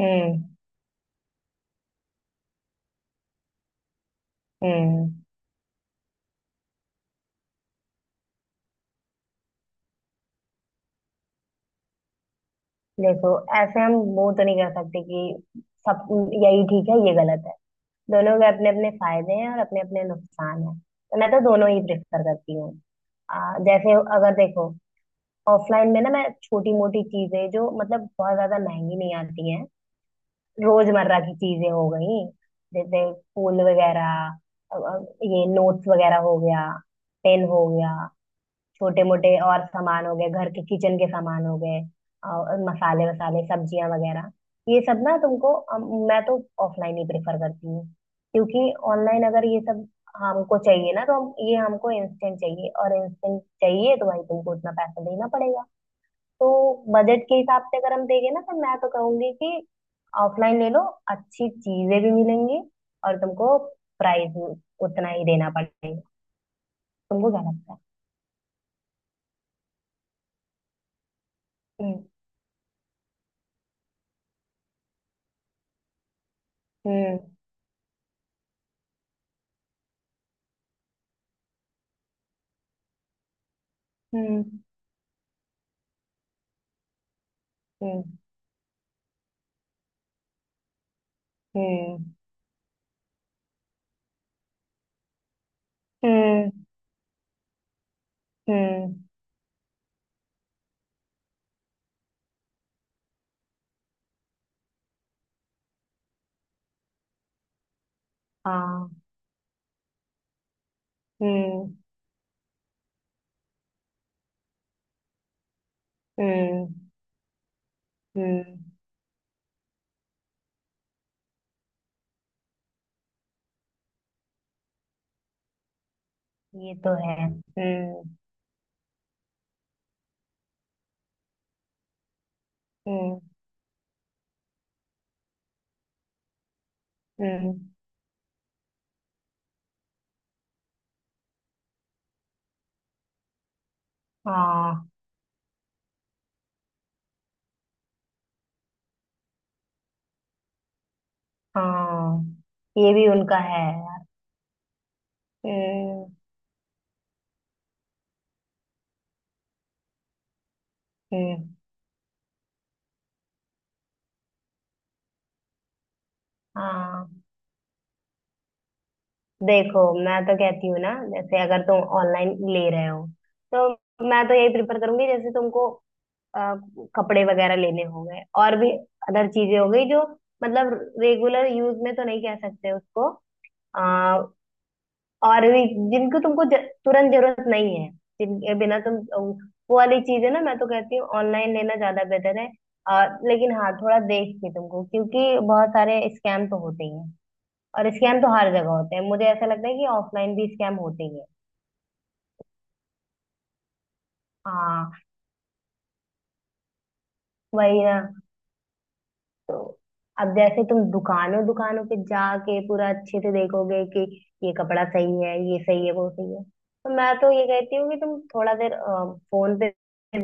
हम्म। हम्म। देखो, ऐसे हम वो तो नहीं कर सकते कि सब यही ठीक है ये गलत है। दोनों के अपने अपने फायदे हैं और अपने अपने नुकसान हैं, तो मैं तो दोनों ही प्रेफर करती हूँ। जैसे अगर देखो, ऑफलाइन में ना मैं छोटी मोटी चीजें जो मतलब बहुत ज्यादा महंगी नहीं आती हैं, रोजमर्रा की चीजें हो गई। जैसे फूल वगैरह, अब ये नोट्स वगैरह हो गया, पेन हो गया, छोटे मोटे और सामान हो गए, घर के किचन के सामान हो गए, और मसाले वसाले सब्जियां वगैरह। ये सब ना तुमको मैं तो ऑफलाइन ही प्रेफर करती हूँ, क्योंकि ऑनलाइन अगर ये सब हमको चाहिए ना, तो हम ये हमको इंस्टेंट चाहिए, और इंस्टेंट चाहिए तो भाई तुमको उतना पैसा देना पड़ेगा। तो बजट के हिसाब से अगर हम देंगे ना, तो मैं तो कहूंगी कि ऑफलाइन ले लो, अच्छी चीजें भी मिलेंगी और तुमको प्राइस उतना ही देना पड़ेगा। तुमको क्या लगता है? हम्म। हम्म। हम्म। 嗯嗯嗯嗯，हाँ। हम्म। हम्म। हम्म। हाँ। हम्म। हम्म। हम्म। ये तो है। हम्म। हम्म। हम्म। हाँ। हाँ, ये भी उनका है यार। हम्म। हम्म। हाँ। देखो, मैं तो कहती हूँ ना, जैसे अगर तुम ऑनलाइन ले रहे हो तो मैं तो यही प्रिफर करूंगी। जैसे तुमको अ, कपड़े वगैरह लेने हो गए, और भी अदर चीजें हो गई जो मतलब रेगुलर यूज में तो नहीं कह सकते उसको, और भी जिनको तुमको तुरंत जरूरत नहीं है, जिनके बिना तुम वो वाली चीज है ना, मैं तो कहती हूँ ऑनलाइन लेना ज्यादा बेहतर है। और लेकिन हाँ, थोड़ा देख के तुमको, क्योंकि बहुत सारे स्कैम तो होते ही हैं। और स्कैम तो हर जगह होते हैं, मुझे ऐसा लगता है कि ऑफलाइन भी स्कैम होते ही हैं। हाँ। वही ना। तो अब जैसे तुम दुकानों दुकानों पे जाके पूरा अच्छे से देखोगे कि ये कपड़ा सही है, ये सही है, वो सही है, तो मैं तो ये कहती हूँ कि तुम थोड़ा देर फोन पे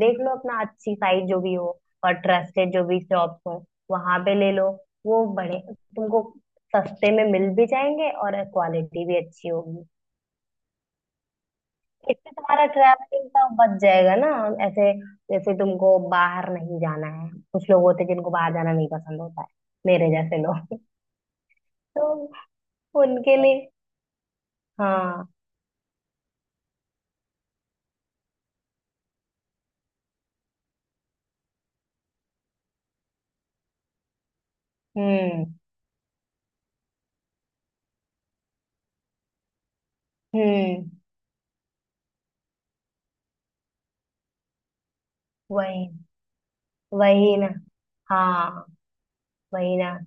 देख लो अपना, अच्छी साइट जो भी हो और ट्रस्टेड जो भी शॉप्स हो वहां पे ले लो। वो बड़े तुमको सस्ते में मिल भी जाएंगे और क्वालिटी भी अच्छी होगी। इससे तुम्हारा ट्रैवलिंग का बच जाएगा ना। ऐसे जैसे तुमको बाहर नहीं जाना है, कुछ लोग होते हैं जिनको बाहर जाना नहीं पसंद होता है, मेरे जैसे लोग, तो उनके लिए हाँ। हम्म। हम्म। वही। वही ना। हाँ। वही ना।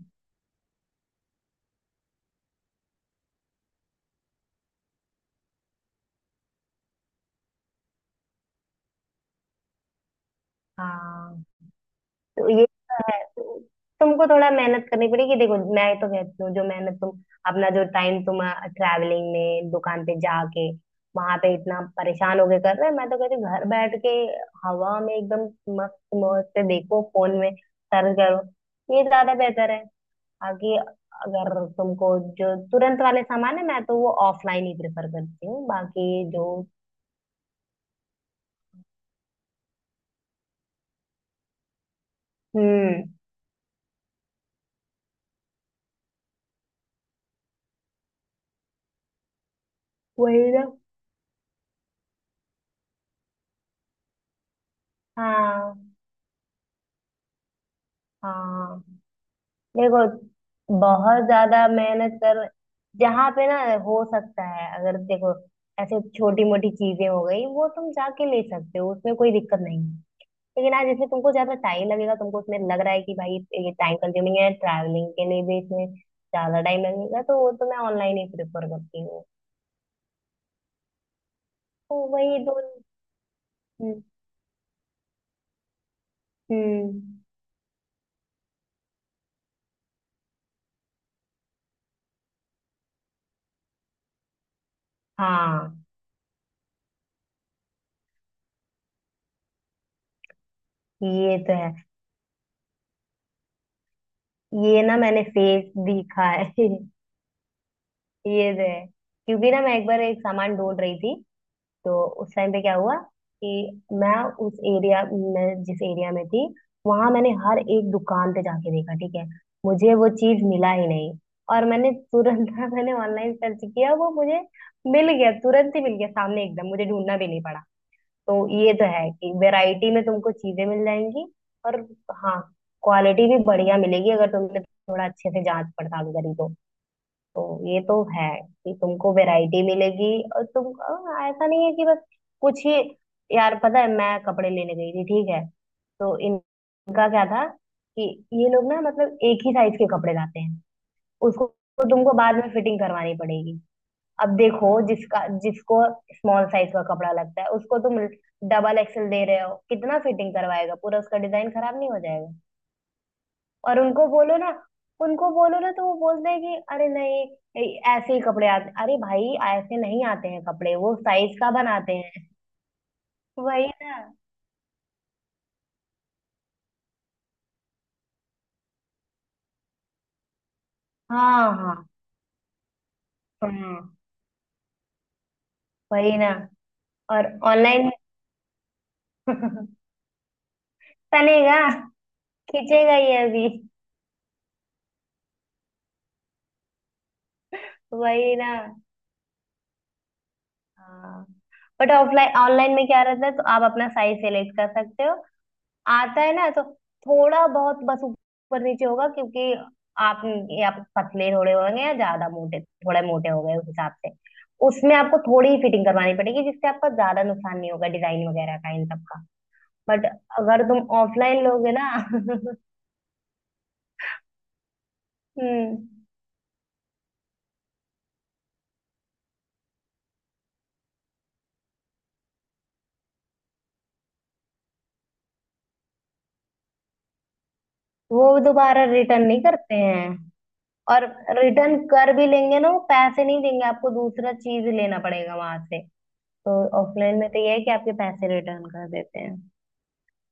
हाँ। तो ये तो है। तो तुमको थोड़ा मेहनत करनी पड़ेगी। देखो, मैं तो कहती हूँ जो मेहनत तुम, अपना जो टाइम तुम ट्रैवलिंग में दुकान पे जाके वहां पे इतना परेशान होके कर रहे हैं, मैं तो कहती हूँ घर बैठ के, हवा में एकदम मस्त मौज से देखो फोन में, सर्च करो, ये ज्यादा बेहतर है। आगे अगर तुमको, जो तुरंत वाले सामान है मैं तो वो ऑफलाइन ही प्रेफर करती हूँ, बाकी जो। हम्म। वही ना। हाँ। हाँ। देखो, बहुत ज्यादा मेहनत कर, जहाँ पे ना, हो सकता है अगर देखो, ऐसे छोटी मोटी चीजें हो गई वो तुम जाके ले सकते हो, उसमें कोई दिक्कत नहीं है। लेकिन आज इसमें तुमको ज्यादा टाइम लगेगा, तुमको उसमें लग रहा है कि भाई ये टाइम कंज्यूमिंग है, ट्रैवलिंग के लिए भी इसमें ज्यादा टाइम लगेगा, तो वो तो मैं ऑनलाइन ही प्रेफर करती हूँ। तो वही दो। हम्म। हम्म, हाँ। ये तो है। ये ना, मैंने फेस दिखा है। ये तो है। क्योंकि ना, मैं एक बार एक सामान ढूंढ रही थी। तो उस टाइम पे क्या हुआ कि मैं उस एरिया, मैं जिस एरिया में थी वहां मैंने हर एक दुकान पे जाके देखा, ठीक है। मुझे वो चीज मिला ही नहीं। और मैंने तुरंत ना, मैंने ऑनलाइन सर्च किया, वो मुझे मिल गया, तुरंत ही मिल गया सामने एकदम, मुझे ढूंढना भी नहीं। तो ये तो है कि वैरायटी में तुमको चीजें मिल जाएंगी। और हाँ, क्वालिटी भी बढ़िया मिलेगी अगर तुमने थोड़ा अच्छे से जांच पड़ताल करी तो। तो ये तो है कि तुमको वैरायटी मिलेगी। और तुम ऐसा नहीं है कि बस कुछ ही। यार पता है, मैं कपड़े लेने गई थी, ठीक है। तो इनका क्या था कि ये लोग ना मतलब एक ही साइज के कपड़े लाते हैं उसको। तो तुमको बाद में फिटिंग करवानी पड़ेगी। अब देखो जिसका जिसको स्मॉल साइज का कपड़ा लगता है उसको तुम डबल एक्सेल दे रहे हो, कितना फिटिंग करवाएगा, पूरा उसका डिजाइन खराब नहीं हो जाएगा? और उनको बोलो ना, उनको बोलो ना तो वो बोलते हैं कि अरे नहीं, ऐसे ही कपड़े आते, अरे भाई ऐसे नहीं आते हैं कपड़े, वो साइज का बनाते हैं। वही ना। हाँ। हाँ। हाँ। वही ना। और ऑनलाइन। तनेगा, खींचेगा ये अभी। वही ना। हाँ। बट ऑफलाइन ऑनलाइन में क्या रहता है तो आप अपना साइज सेलेक्ट कर सकते हो, आता है ना तो। थोड़ा बहुत बस ऊपर नीचे होगा क्योंकि आप या पतले थोड़े होंगे या ज्यादा मोटे, थोड़े मोटे हो गए उस हिसाब से। उसमें आपको थोड़ी ही फिटिंग करवानी पड़ेगी, जिससे आपका ज्यादा नुकसान नहीं होगा डिजाइन वगैरह का, इन सब का। बट अगर तुम ऑफलाइन लोगे ना। हम्म। वो दोबारा रिटर्न नहीं करते हैं। और रिटर्न कर भी लेंगे ना, वो पैसे नहीं देंगे, आपको दूसरा चीज लेना पड़ेगा वहां से। तो ऑफलाइन में तो ये है कि आपके पैसे रिटर्न कर देते हैं।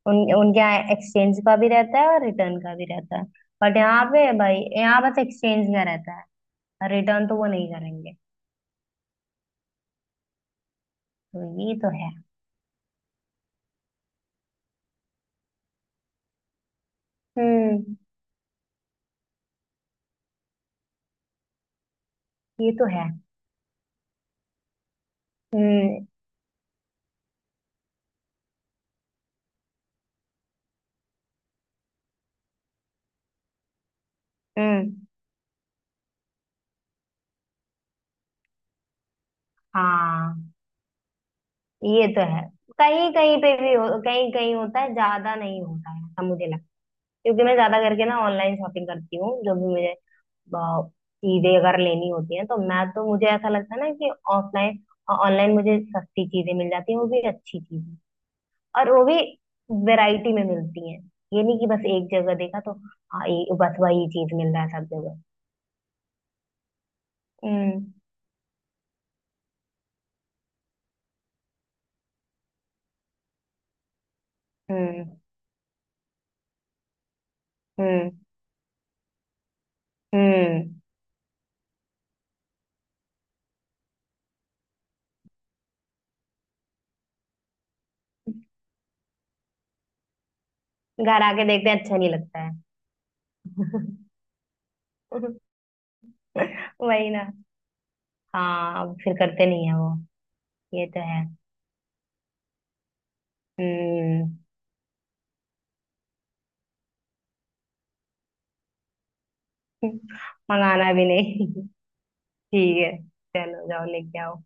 उन उनके यहाँ एक्सचेंज का भी रहता है और रिटर्न का भी रहता है। बट यहाँ पे भाई, यहाँ बस एक्सचेंज का रहता है, रिटर्न तो वो नहीं करेंगे। तो ये तो है। हम्म। ये तो है। हम्म। हम्म। हाँ, ये तो है। कहीं कहीं पे भी कहीं कहीं होता है, ज्यादा नहीं होता है ऐसा मुझे। क्योंकि मैं ज्यादा करके ना ऑनलाइन शॉपिंग करती हूँ, जो भी मुझे चीजें अगर लेनी होती हैं, तो मैं तो मुझे ऐसा लगता है ना कि ऑफलाइन, ऑनलाइन मुझे सस्ती चीजें मिल जाती हैं, वो भी अच्छी चीजें, और वो भी वैरायटी में मिलती हैं। ये नहीं कि बस एक जगह देखा तो हाँ, ये बस वही चीज मिल रहा है सब जगह। हम्म। हम्म। हम्म। हम्म। घर आके देखते हैं अच्छा नहीं लगता है। वही ना। हाँ, अब फिर करते नहीं है वो। ये तो है। हम्म। मंगाना भी नहीं। ठीक है, चलो जाओ लेके आओ।